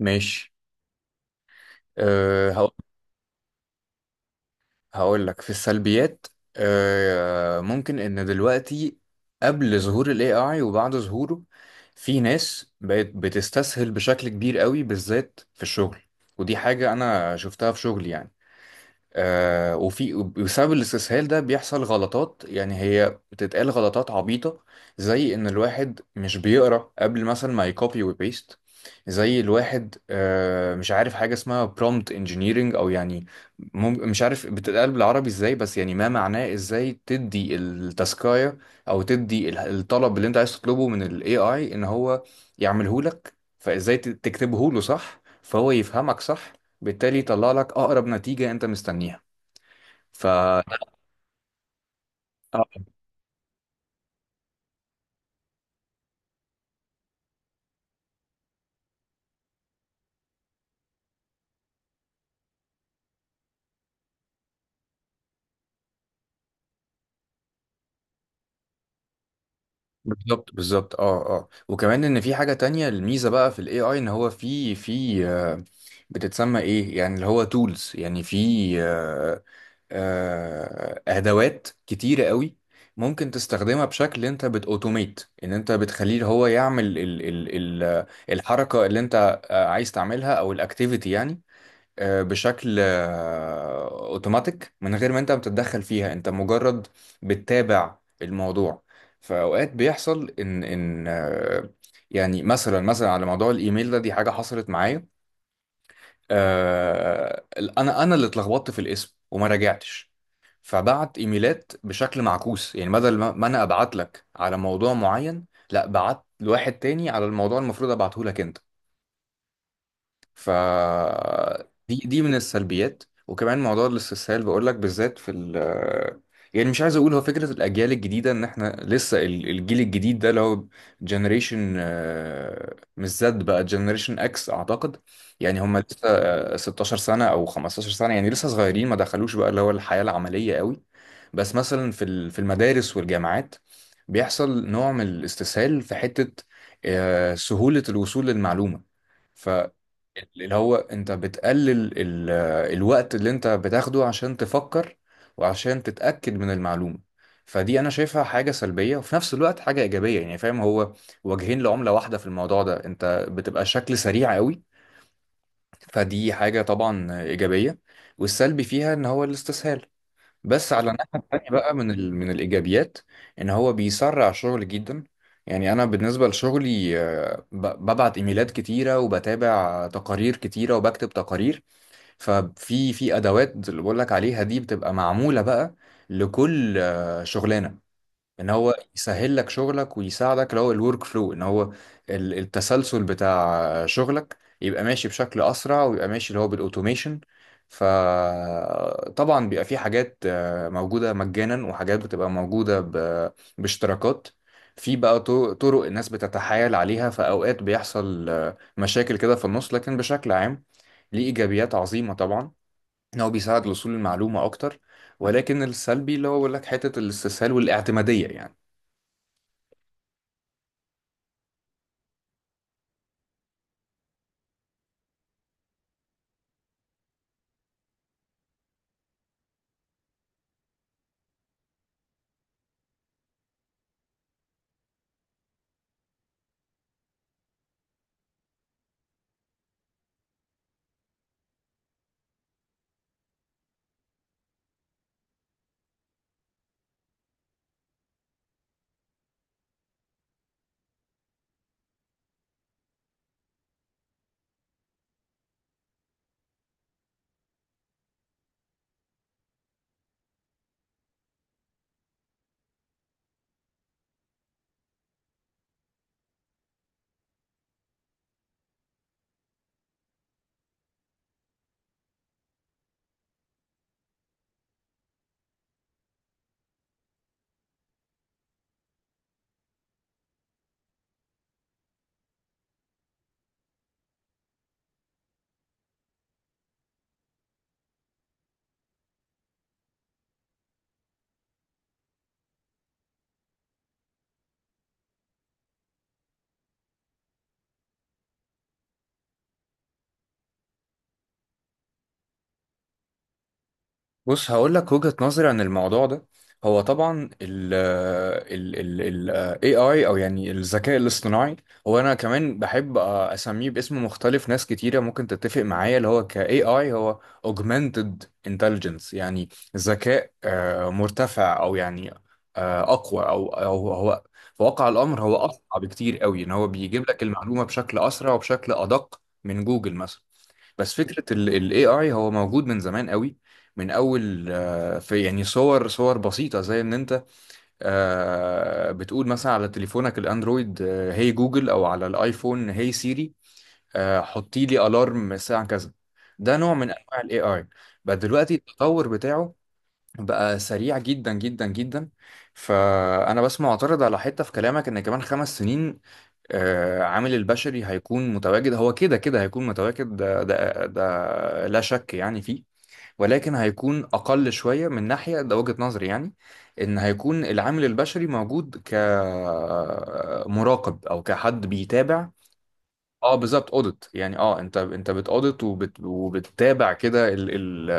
ماشي. أه هقو- هقول لك في السلبيات. ممكن ان دلوقتي، قبل ظهور الاي اي وبعد ظهوره، في ناس بقت بتستسهل بشكل كبير قوي بالذات في الشغل. ودي حاجة انا شفتها في شغلي، يعني. وفي بسبب الاستسهال ده بيحصل غلطات، يعني هي بتتقال غلطات عبيطة، زي إن الواحد مش بيقرأ قبل مثلا ما يكوبي وبيست، زي الواحد، مش عارف حاجة اسمها prompt engineering، أو يعني مش عارف بتتقال بالعربي إزاي، بس يعني ما معناه إزاي تدي التاسكاية أو تدي الطلب اللي أنت عايز تطلبه من ال AI إن هو يعمله لك. فإزاي تكتبه له صح فهو يفهمك صح، بالتالي يطلع لك اقرب نتيجه انت مستنيها. ف بالظبط بالظبط، اه اه، وكمان ان في حاجه تانية، الميزه بقى في الاي اي ان هو في بتتسمى ايه، يعني اللي هو تولز، يعني في آه، ادوات كتيره قوي ممكن تستخدمها، بشكل انت بتاوتوميت، ان انت بتخليه هو يعمل ال الحركه اللي انت عايز تعملها، او الاكتيفيتي، يعني بشكل اوتوماتيك، من غير ما انت بتتدخل فيها، انت مجرد بتتابع الموضوع. فاوقات بيحصل ان يعني مثلا على موضوع الايميل ده، دي حاجه حصلت معايا. آه، انا اللي اتلخبطت في الاسم وما راجعتش، فبعت ايميلات بشكل معكوس، يعني بدل ما انا ابعت لك على موضوع معين، لا، بعت لواحد تاني على الموضوع المفروض ابعته لك انت. ف دي من السلبيات، وكمان موضوع الاستسهال بقول لك، بالذات في ال، يعني مش عايز اقول، هو فكره الاجيال الجديده، ان احنا لسه الجيل الجديد ده اللي هو جنريشن، مش زد بقى، جنريشن اكس اعتقد، يعني هم لسه 16 سنه او 15 سنه، يعني لسه صغيرين، ما دخلوش بقى اللي هو الحياه العمليه قوي. بس مثلا في في المدارس والجامعات، بيحصل نوع من الاستسهال في حته، سهوله الوصول للمعلومه، اللي هو انت بتقلل الوقت اللي انت بتاخده عشان تفكر وعشان تتأكد من المعلومة. فدي انا شايفها حاجة سلبية، وفي نفس الوقت حاجة ايجابية، يعني فاهم، هو وجهين لعملة واحدة في الموضوع ده. انت بتبقى شكل سريع قوي، فدي حاجة طبعا ايجابية، والسلبي فيها ان هو الاستسهال. بس على الناحية التانية بقى، من الإيجابيات، إن هو بيسرع شغل جدا. يعني أنا بالنسبة لشغلي، ببعت إيميلات كتيرة، وبتابع تقارير كتيرة، وبكتب تقارير. ففي في أدوات اللي بقول لك عليها دي بتبقى معمولة بقى لكل شغلانة، ان هو يسهل لك شغلك ويساعدك، اللي هو الورك فلو، ان هو التسلسل بتاع شغلك يبقى ماشي بشكل اسرع، ويبقى ماشي اللي هو بالاوتوميشن. فطبعا بيبقى في حاجات موجودة مجانا، وحاجات بتبقى موجودة باشتراكات. في بقى طرق الناس بتتحايل عليها، فأوقات بيحصل مشاكل كده في النص، لكن بشكل عام ليه إيجابيات عظيمة طبعا، إن هو بيساعد لوصول المعلومة أكتر. ولكن السلبي اللي هو بيقول لك حتة الاستسهال والاعتمادية، يعني. بص هقول لك وجهة نظري عن الموضوع ده. هو طبعا ال ال ال AI، او يعني الذكاء الاصطناعي، هو انا كمان بحب اسميه باسم مختلف، ناس كتيرة ممكن تتفق معايا، اللي هو ك AI، هو augmented intelligence، يعني ذكاء مرتفع، او يعني اقوى، او هو في واقع الامر هو اسرع بكتير قوي، ان هو بيجيب لك المعلومة بشكل اسرع وبشكل ادق من جوجل مثلا. بس فكرة ال AI هو موجود من زمان قوي، من اول في يعني صور بسيطه، زي ان انت بتقول مثلا على تليفونك الاندرويد هي جوجل، او على الايفون هي سيري، حطي لي الارم الساعه كذا. ده نوع من انواع الاي اي. بقى دلوقتي التطور بتاعه بقى سريع جدا جدا جدا. فانا بس معترض على حته في كلامك، ان كمان 5 سنين، عامل البشري هيكون متواجد، هو كده كده هيكون متواجد، ده لا شك يعني فيه. ولكن هيكون أقل شوية من ناحية ده، وجهة نظري يعني، إن هيكون العامل البشري موجود كمراقب، أو كحد بيتابع. اه بالظبط، اوديت، يعني اه، انت بتاوديت، وبتتابع كده ال ال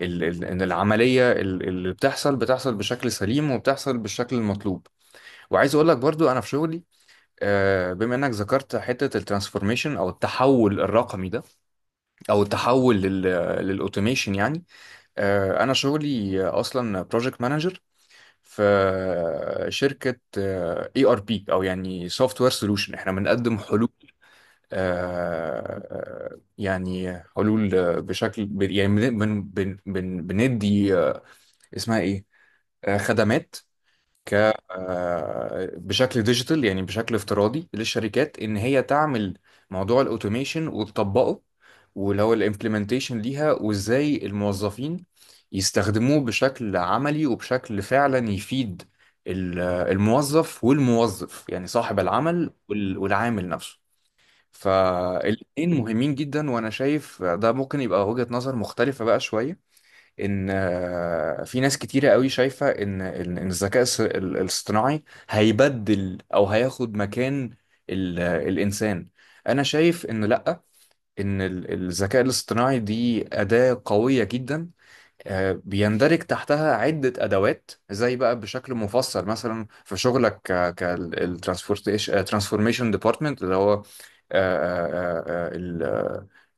ال ال ان العمليه اللي بتحصل بتحصل بشكل سليم، وبتحصل بالشكل المطلوب. وعايز اقول لك برضو انا في شغلي، بما انك ذكرت حته الترانسفورميشن، او التحول الرقمي ده، او التحول للاوتوميشن يعني. أنا شغلي أصلا بروجكت مانجر في شركة اي ار بي، أو يعني سوفت وير سولوشن. احنا بنقدم حلول، آه، يعني حلول بشكل يعني بندي اسمها ايه، خدمات، ك بشكل ديجيتال، يعني بشكل افتراضي للشركات ان هي تعمل موضوع الاوتوميشن وتطبقه، واللي هو الامبلمنتيشن ليها، وازاي الموظفين يستخدموه بشكل عملي وبشكل فعلا يفيد الموظف، والموظف يعني صاحب العمل، والعامل نفسه. فالاتنين مهمين جدا، وانا شايف ده ممكن يبقى وجهة نظر مختلفة بقى شوية. ان في ناس كتيرة قوي شايفة ان إن الذكاء الاصطناعي هيبدل او هياخد مكان الانسان. انا شايف ان لا، ان الذكاء الاصطناعي دي أداة قوية جدا، بيندرج تحتها عدة أدوات، زي بقى بشكل مفصل مثلا في شغلك، كالترانسفورميشن ديبارتمنت اللي هو آه، آه، آه، ال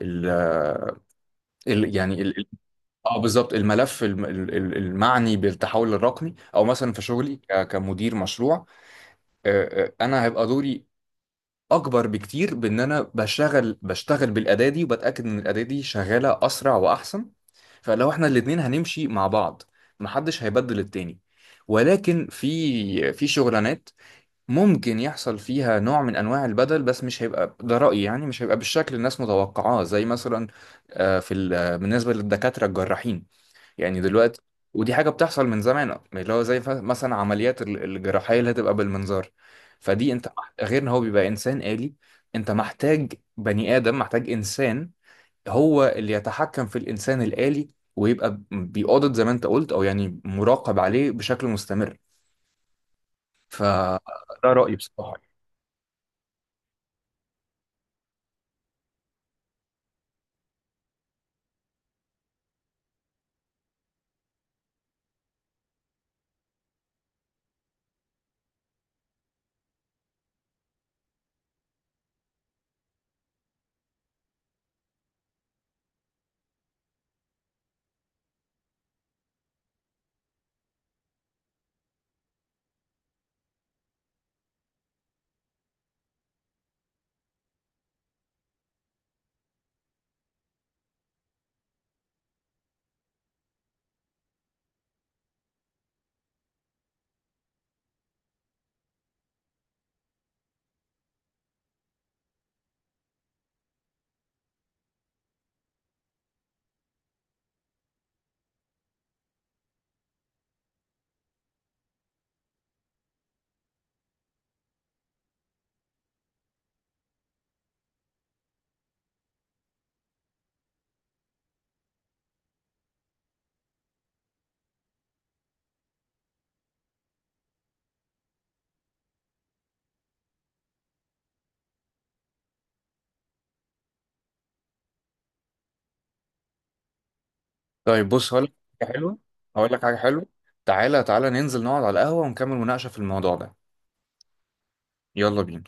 ال ال- يعني ال- اه بالظبط، الملف المعني بالتحول الرقمي، او مثلا في شغلي كمدير مشروع. انا هيبقى دوري اكبر بكتير، بان انا بشتغل بالاداه دي، وبتاكد ان الاداه دي شغاله اسرع واحسن. فلو احنا الاتنين هنمشي مع بعض، محدش هيبدل التاني. ولكن في شغلانات ممكن يحصل فيها نوع من انواع البدل، بس مش هيبقى ده رايي، يعني مش هيبقى بالشكل الناس متوقعاه، زي مثلا آه، في ال- آه، بالنسبه للدكاتره الجراحين، يعني دلوقتي، ودي حاجة بتحصل من زمان، اللي هو زي مثلا عمليات الجراحية اللي هتبقى بالمنظار. فدي انت غير ان هو بيبقى انسان آلي، انت محتاج بني آدم، محتاج انسان هو اللي يتحكم في الانسان الآلي، ويبقى بيقاضد زي ما انت قلت، او يعني مراقب عليه بشكل مستمر. فده رأيي بصراحة. طيب بص، هقول لك حاجة حلوة، هقول لك حاجة حلوة. تعالى تعالى ننزل نقعد على القهوة ونكمل مناقشة في الموضوع ده. يلا بينا.